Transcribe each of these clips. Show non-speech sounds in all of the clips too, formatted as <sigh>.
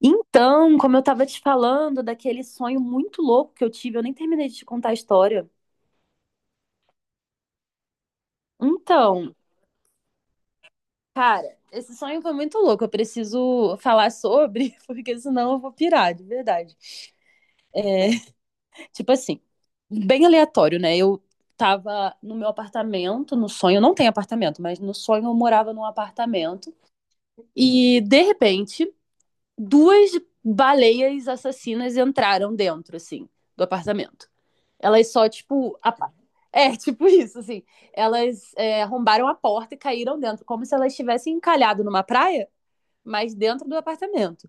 Então, como eu estava te falando daquele sonho muito louco que eu tive, eu nem terminei de te contar a história. Então, cara, esse sonho foi muito louco. Eu preciso falar sobre, <laughs> porque senão eu vou pirar, de verdade. Tipo assim, bem aleatório, né? Eu tava no meu apartamento, no sonho, eu não tenho apartamento, mas no sonho eu morava num apartamento. E, de repente, duas baleias assassinas entraram dentro, assim, do apartamento. Elas só, tipo, <laughs> tipo isso, assim. Elas arrombaram a porta e caíram dentro, como se elas estivessem encalhado numa praia, mas dentro do apartamento.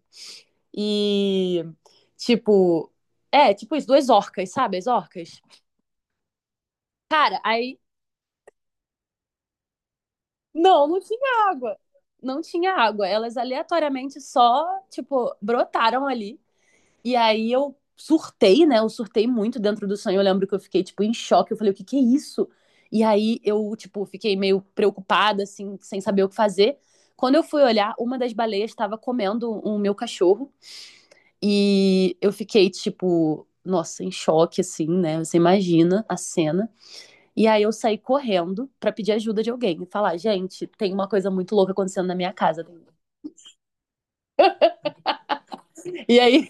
E, tipo, tipo isso, duas orcas, sabe? As orcas. Cara, aí, não, não tinha água. Não tinha água. Elas aleatoriamente só, tipo, brotaram ali. E aí eu surtei, né? Eu surtei muito dentro do sonho. Eu lembro que eu fiquei, tipo, em choque. Eu falei, o que que é isso? E aí eu, tipo, fiquei meio preocupada, assim, sem saber o que fazer. Quando eu fui olhar, uma das baleias estava comendo o meu cachorro. E eu fiquei, tipo, nossa, em choque, assim, né? Você imagina a cena. E aí eu saí correndo pra pedir ajuda de alguém. E falar, gente, tem uma coisa muito louca acontecendo na minha casa. E aí,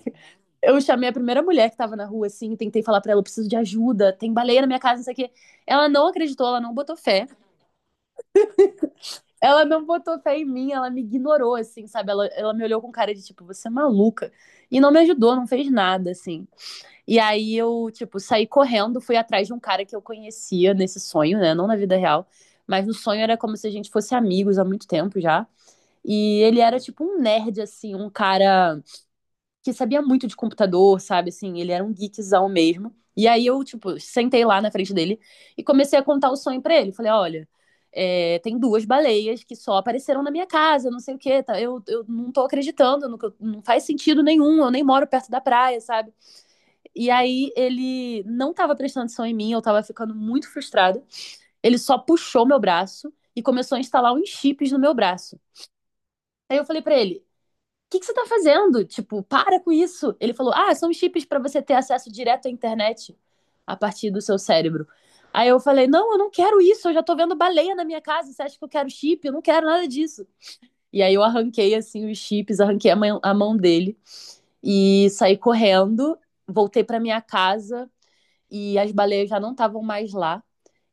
eu chamei a primeira mulher que tava na rua, assim, tentei falar pra ela, eu preciso de ajuda, tem baleia na minha casa, não sei o quê. Ela não acreditou, ela não botou fé. Ela não botou fé em mim, ela me ignorou, assim, sabe? Ela me olhou com cara de, tipo, você é maluca. E não me ajudou, não fez nada, assim. E aí eu, tipo, saí correndo, fui atrás de um cara que eu conhecia nesse sonho, né? Não na vida real, mas no sonho era como se a gente fosse amigos há muito tempo já. E ele era, tipo, um nerd, assim, um cara que sabia muito de computador, sabe? Assim, ele era um geekzão mesmo. E aí eu, tipo, sentei lá na frente dele e comecei a contar o sonho pra ele. Falei, olha, tem duas baleias que só apareceram na minha casa, não sei o quê. Tá? Eu não tô acreditando. Não faz sentido nenhum, eu nem moro perto da praia, sabe? E aí ele não tava prestando atenção em mim, eu tava ficando muito frustrada. Ele só puxou meu braço e começou a instalar uns chips no meu braço. Aí eu falei pra ele, que você tá fazendo? Tipo, para com isso. Ele falou, ah, são chips para você ter acesso direto à internet a partir do seu cérebro. Aí eu falei, não, eu não quero isso, eu já tô vendo baleia na minha casa, você acha que eu quero chip? Eu não quero nada disso. E aí eu arranquei, assim, os chips, arranquei a mão dele e saí correndo, voltei pra minha casa e as baleias já não estavam mais lá.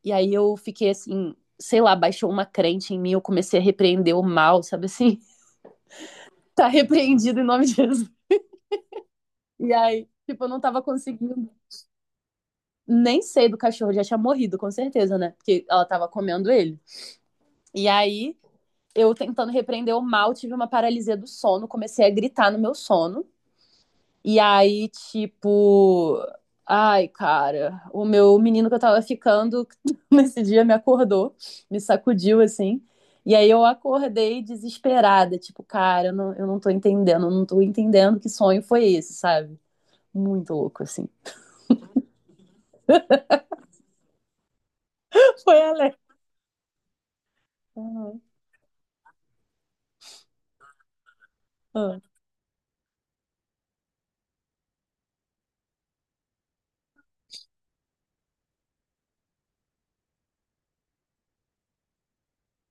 E aí eu fiquei, assim, sei lá, baixou uma crente em mim, eu comecei a repreender o mal, sabe assim? <laughs> Tá repreendido em nome de Jesus. E aí, tipo, eu não tava conseguindo. Nem sei do cachorro, já tinha morrido, com certeza, né? Porque ela tava comendo ele. E aí, eu tentando repreender o mal, tive uma paralisia do sono, comecei a gritar no meu sono. E aí, tipo. Ai, cara, o meu menino que eu tava ficando <laughs> nesse dia me acordou, me sacudiu assim. E aí eu acordei desesperada, tipo, cara, eu não tô entendendo que sonho foi esse, sabe? Muito louco, assim. <laughs> Foi alerta. Ah,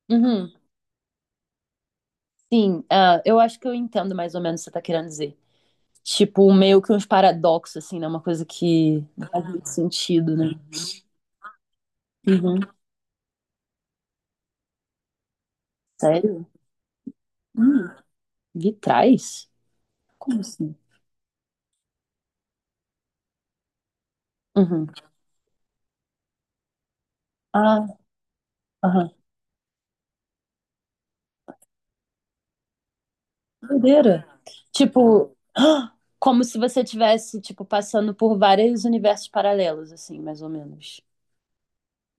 uhum. Sim, ah, eu acho que eu entendo mais ou menos o que você tá querendo dizer. Tipo, meio que uns paradoxos, assim, né? Uma coisa que não faz muito sentido, né? Uhum. Sério? Hum, vitrais? Como assim? Uhum. Ah, aham. Doideira. Tipo, como se você tivesse, tipo, passando por vários universos paralelos, assim, mais ou menos.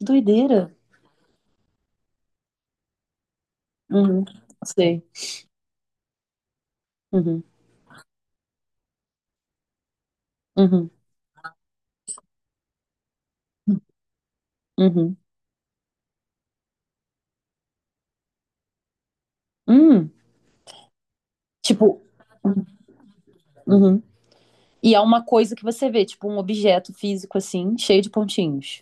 Doideira. Uhum. Sei. Uhum. Uhum. Uhum. Hum. Tipo. Uhum. E é uma coisa que você vê, tipo um objeto físico assim, cheio de pontinhos.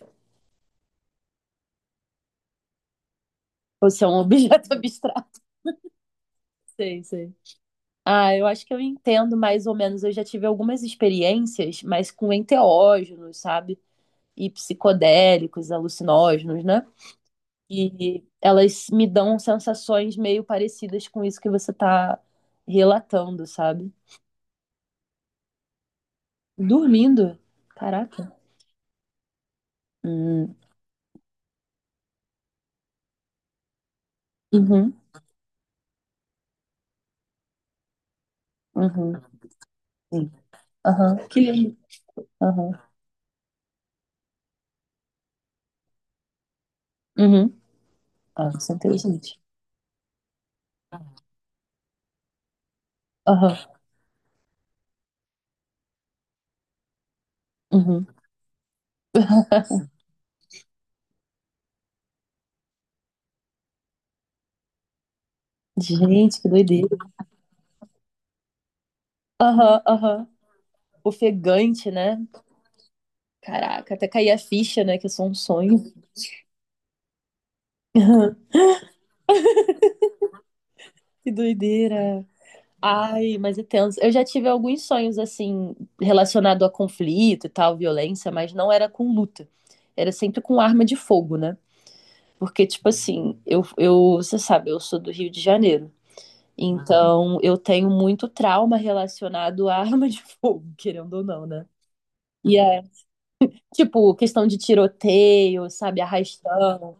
Ou se é um <laughs> objeto abstrato, sei, sei. Ah, eu acho que eu entendo mais ou menos. Eu já tive algumas experiências, mas com enteógenos, sabe? E psicodélicos, alucinógenos, né? E elas me dão sensações meio parecidas com isso que você tá relatando, sabe? Dormindo? Caraca. Hum. Uhum, uhum, sim. Aham, que lindo. Aham, uhum. Ah, isso é inteligente. Aham, uhum. Gente, que doideira. Aham, aham. Ofegante, né? Caraca, até cair a ficha, né? Que é só um sonho. <laughs> Que doideira. Ai, mas é tenso. Eu já tive alguns sonhos, assim, relacionado a conflito e tal, violência, mas não era com luta. Era sempre com arma de fogo, né? Porque, tipo assim, eu, você sabe, eu sou do Rio de Janeiro. Então, eu tenho muito trauma relacionado a <laughs> arma de fogo, querendo ou não, né? E tipo, questão de tiroteio, sabe, arrastão.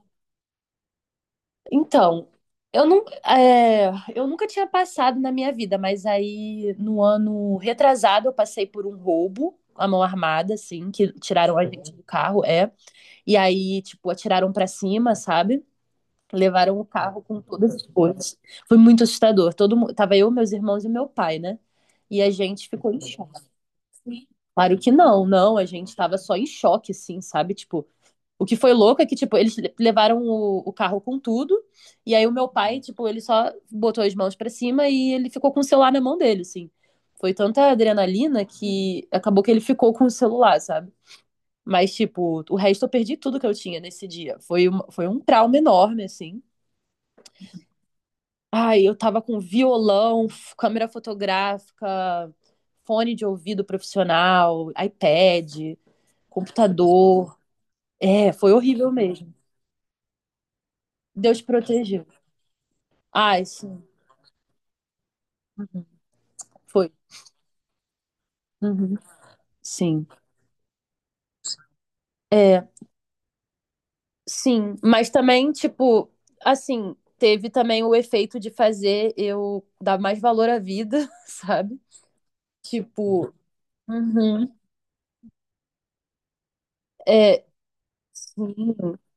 Então, eu não, eu nunca tinha passado na minha vida, mas aí no ano retrasado eu passei por um roubo à mão armada, assim, que tiraram a gente do carro, é. E aí, tipo, atiraram pra cima, sabe? Levaram o carro com todas as coisas. Foi muito assustador. Todo mundo, tava eu, meus irmãos e meu pai, né? E a gente ficou em choque. Claro que não, não, a gente tava só em choque, assim, sabe? Tipo, o que foi louco é que, tipo, eles levaram o carro com tudo, e aí o meu pai, tipo, ele só botou as mãos pra cima e ele ficou com o celular na mão dele, assim. Foi tanta adrenalina que acabou que ele ficou com o celular, sabe? Mas, tipo, o resto eu perdi tudo que eu tinha nesse dia. Foi um trauma enorme, assim. Ai, eu tava com violão, câmera fotográfica, fone de ouvido profissional, iPad, computador. É, foi horrível mesmo. Deus protegeu. Ai, foi. Uhum. Sim. É, sim. Mas também, tipo, assim, teve também o efeito de fazer eu dar mais valor à vida, <laughs> sabe? Tipo, uhum. É, sim.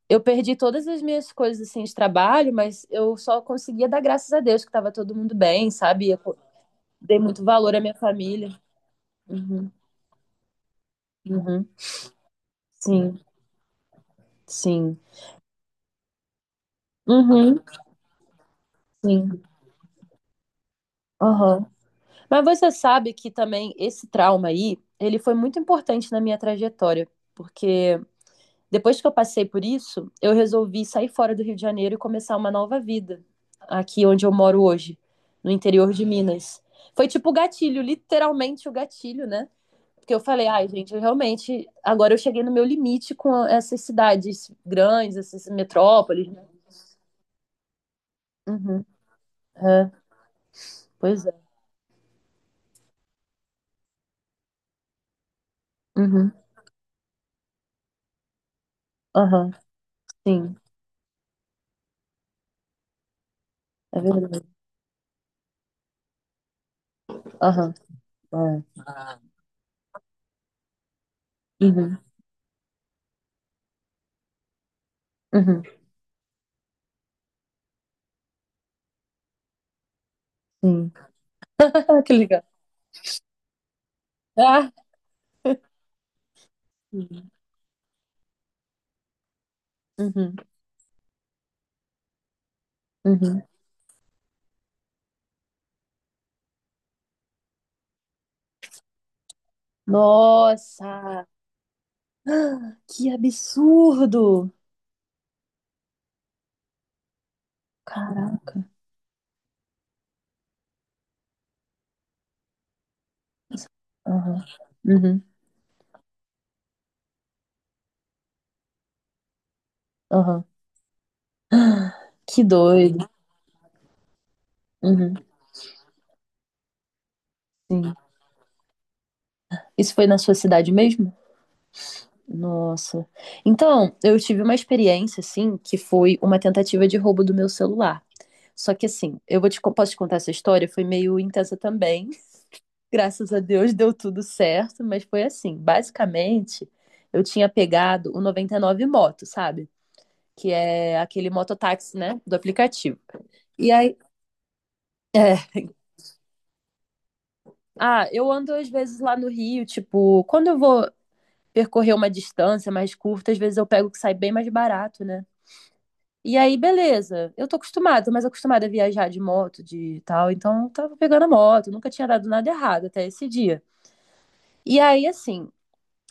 Eu perdi todas as minhas coisas assim de trabalho, mas eu só conseguia dar graças a Deus que estava todo mundo bem, sabe? Eu dei muito valor à minha família. Uhum, uhum. Sim, sim. Uhum, sim. Aham. Mas você sabe que também esse trauma aí, ele foi muito importante na minha trajetória, porque depois que eu passei por isso, eu resolvi sair fora do Rio de Janeiro e começar uma nova vida, aqui onde eu moro hoje, no interior de Minas. Foi tipo o gatilho, literalmente o gatilho, né? Porque eu falei, ai, gente, eu realmente, agora eu cheguei no meu limite com essas cidades grandes, essas metrópoles, né? Uhum, é, pois é. Uhum, aham, sim, é verdade. Aham, é. Uhum, uhum. Sim. <laughs> Que legal. Ah. Uhum, uhum, uhum. Nossa, que absurdo! Caraca. Aham, uhum, aham. Que doido. Uhum, sim. Isso foi na sua cidade mesmo? Nossa. Então, eu tive uma experiência, assim, que foi uma tentativa de roubo do meu celular. Só que, assim, eu vou te, posso te contar essa história? Foi meio intensa também. Graças a Deus deu tudo certo, mas foi assim. Basicamente, eu tinha pegado o 99 Moto, sabe? Que é aquele mototáxi, né? Do aplicativo. E aí. É. <laughs> Ah, eu ando às vezes lá no Rio, tipo, quando eu vou percorrer uma distância mais curta, às vezes eu pego o que sai bem mais barato, né? E aí, beleza. Eu tô acostumada, tô mais acostumada a viajar de moto, de tal. Então, eu tava pegando a moto, nunca tinha dado nada errado até esse dia. E aí, assim,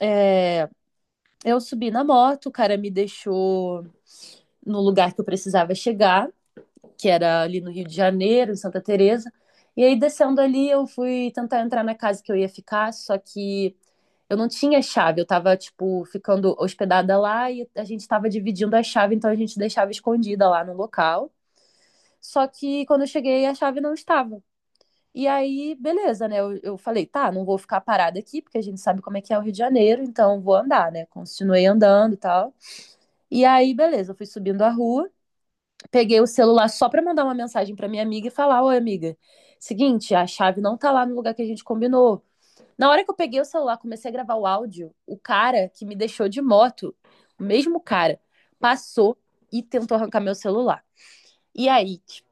é, eu subi na moto, o cara me deixou no lugar que eu precisava chegar, que era ali no Rio de Janeiro, em Santa Teresa. E aí descendo ali, eu fui tentar entrar na casa que eu ia ficar, só que eu não tinha chave, eu tava tipo ficando hospedada lá e a gente tava dividindo a chave, então a gente deixava escondida lá no local. Só que quando eu cheguei, a chave não estava. E aí, beleza, né? Eu falei, tá, não vou ficar parada aqui, porque a gente sabe como é que é o Rio de Janeiro, então vou andar, né? Continuei andando e tal. E aí, beleza, eu fui subindo a rua, peguei o celular só pra mandar uma mensagem pra minha amiga e falar: Oi, amiga, seguinte, a chave não tá lá no lugar que a gente combinou. Na hora que eu peguei o celular, comecei a gravar o áudio, o cara que me deixou de moto, o mesmo cara, passou e tentou arrancar meu celular. E aí, tipo,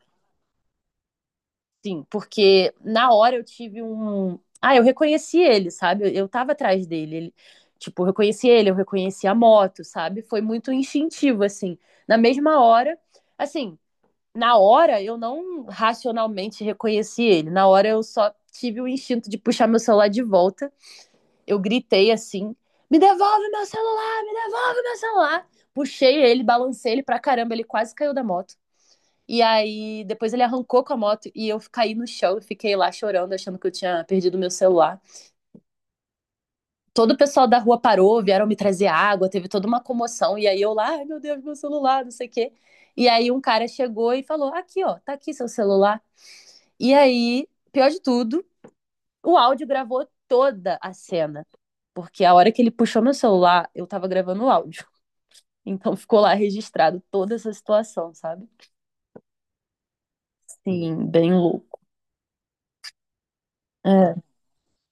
sim, porque na hora eu tive um. Ah, eu reconheci ele, sabe? Eu tava atrás dele. Ele... Tipo, eu reconheci ele, eu reconheci a moto, sabe? Foi muito instintivo, assim. Na mesma hora, assim, na hora eu não racionalmente reconheci ele. Na hora eu só tive o instinto de puxar meu celular de volta. Eu gritei assim: "Me devolve meu celular, me devolve meu celular". Puxei ele, balancei ele pra caramba, ele quase caiu da moto. E aí depois ele arrancou com a moto e eu caí no chão e fiquei lá chorando, achando que eu tinha perdido meu celular. Todo o pessoal da rua parou, vieram me trazer água, teve toda uma comoção e aí eu lá, ai meu Deus, meu celular, não sei o quê. E aí um cara chegou e falou: "Aqui, ó, tá aqui seu celular". E aí, pior de tudo, o áudio gravou toda a cena, porque a hora que ele puxou meu celular, eu tava gravando o áudio. <laughs> Então ficou lá registrado toda essa situação, sabe? Sim, bem louco. É,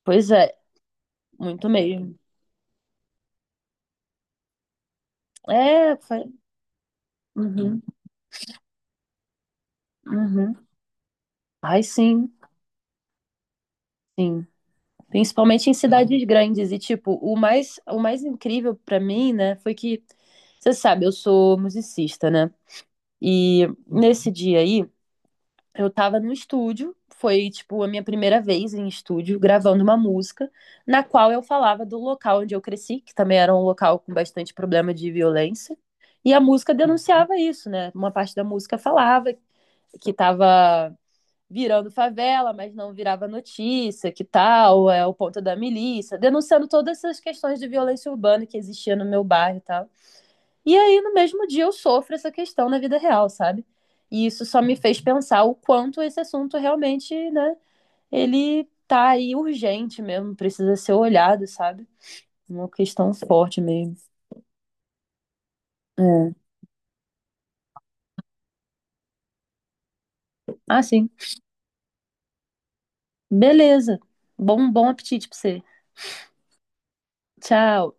pois é, muito mesmo. É, foi. Uhum, uhum. Ai, sim, sim. Principalmente em cidades grandes. E, tipo, o mais incrível pra mim, né, foi que, você sabe, eu sou musicista, né? E nesse dia aí, eu tava no estúdio, foi tipo a minha primeira vez em estúdio gravando uma música, na qual eu falava do local onde eu cresci, que também era um local com bastante problema de violência, e a música denunciava isso, né? Uma parte da música falava que tava virando favela, mas não virava notícia, que tal, é o ponto da milícia, denunciando todas essas questões de violência urbana que existia no meu bairro e tal. E aí, no mesmo dia, eu sofro essa questão na vida real, sabe? E isso só me fez pensar o quanto esse assunto realmente, né, ele tá aí urgente mesmo, precisa ser olhado, sabe? Uma questão forte mesmo. É. Ah, sim. Beleza. Bom, bom apetite pra você. Tchau.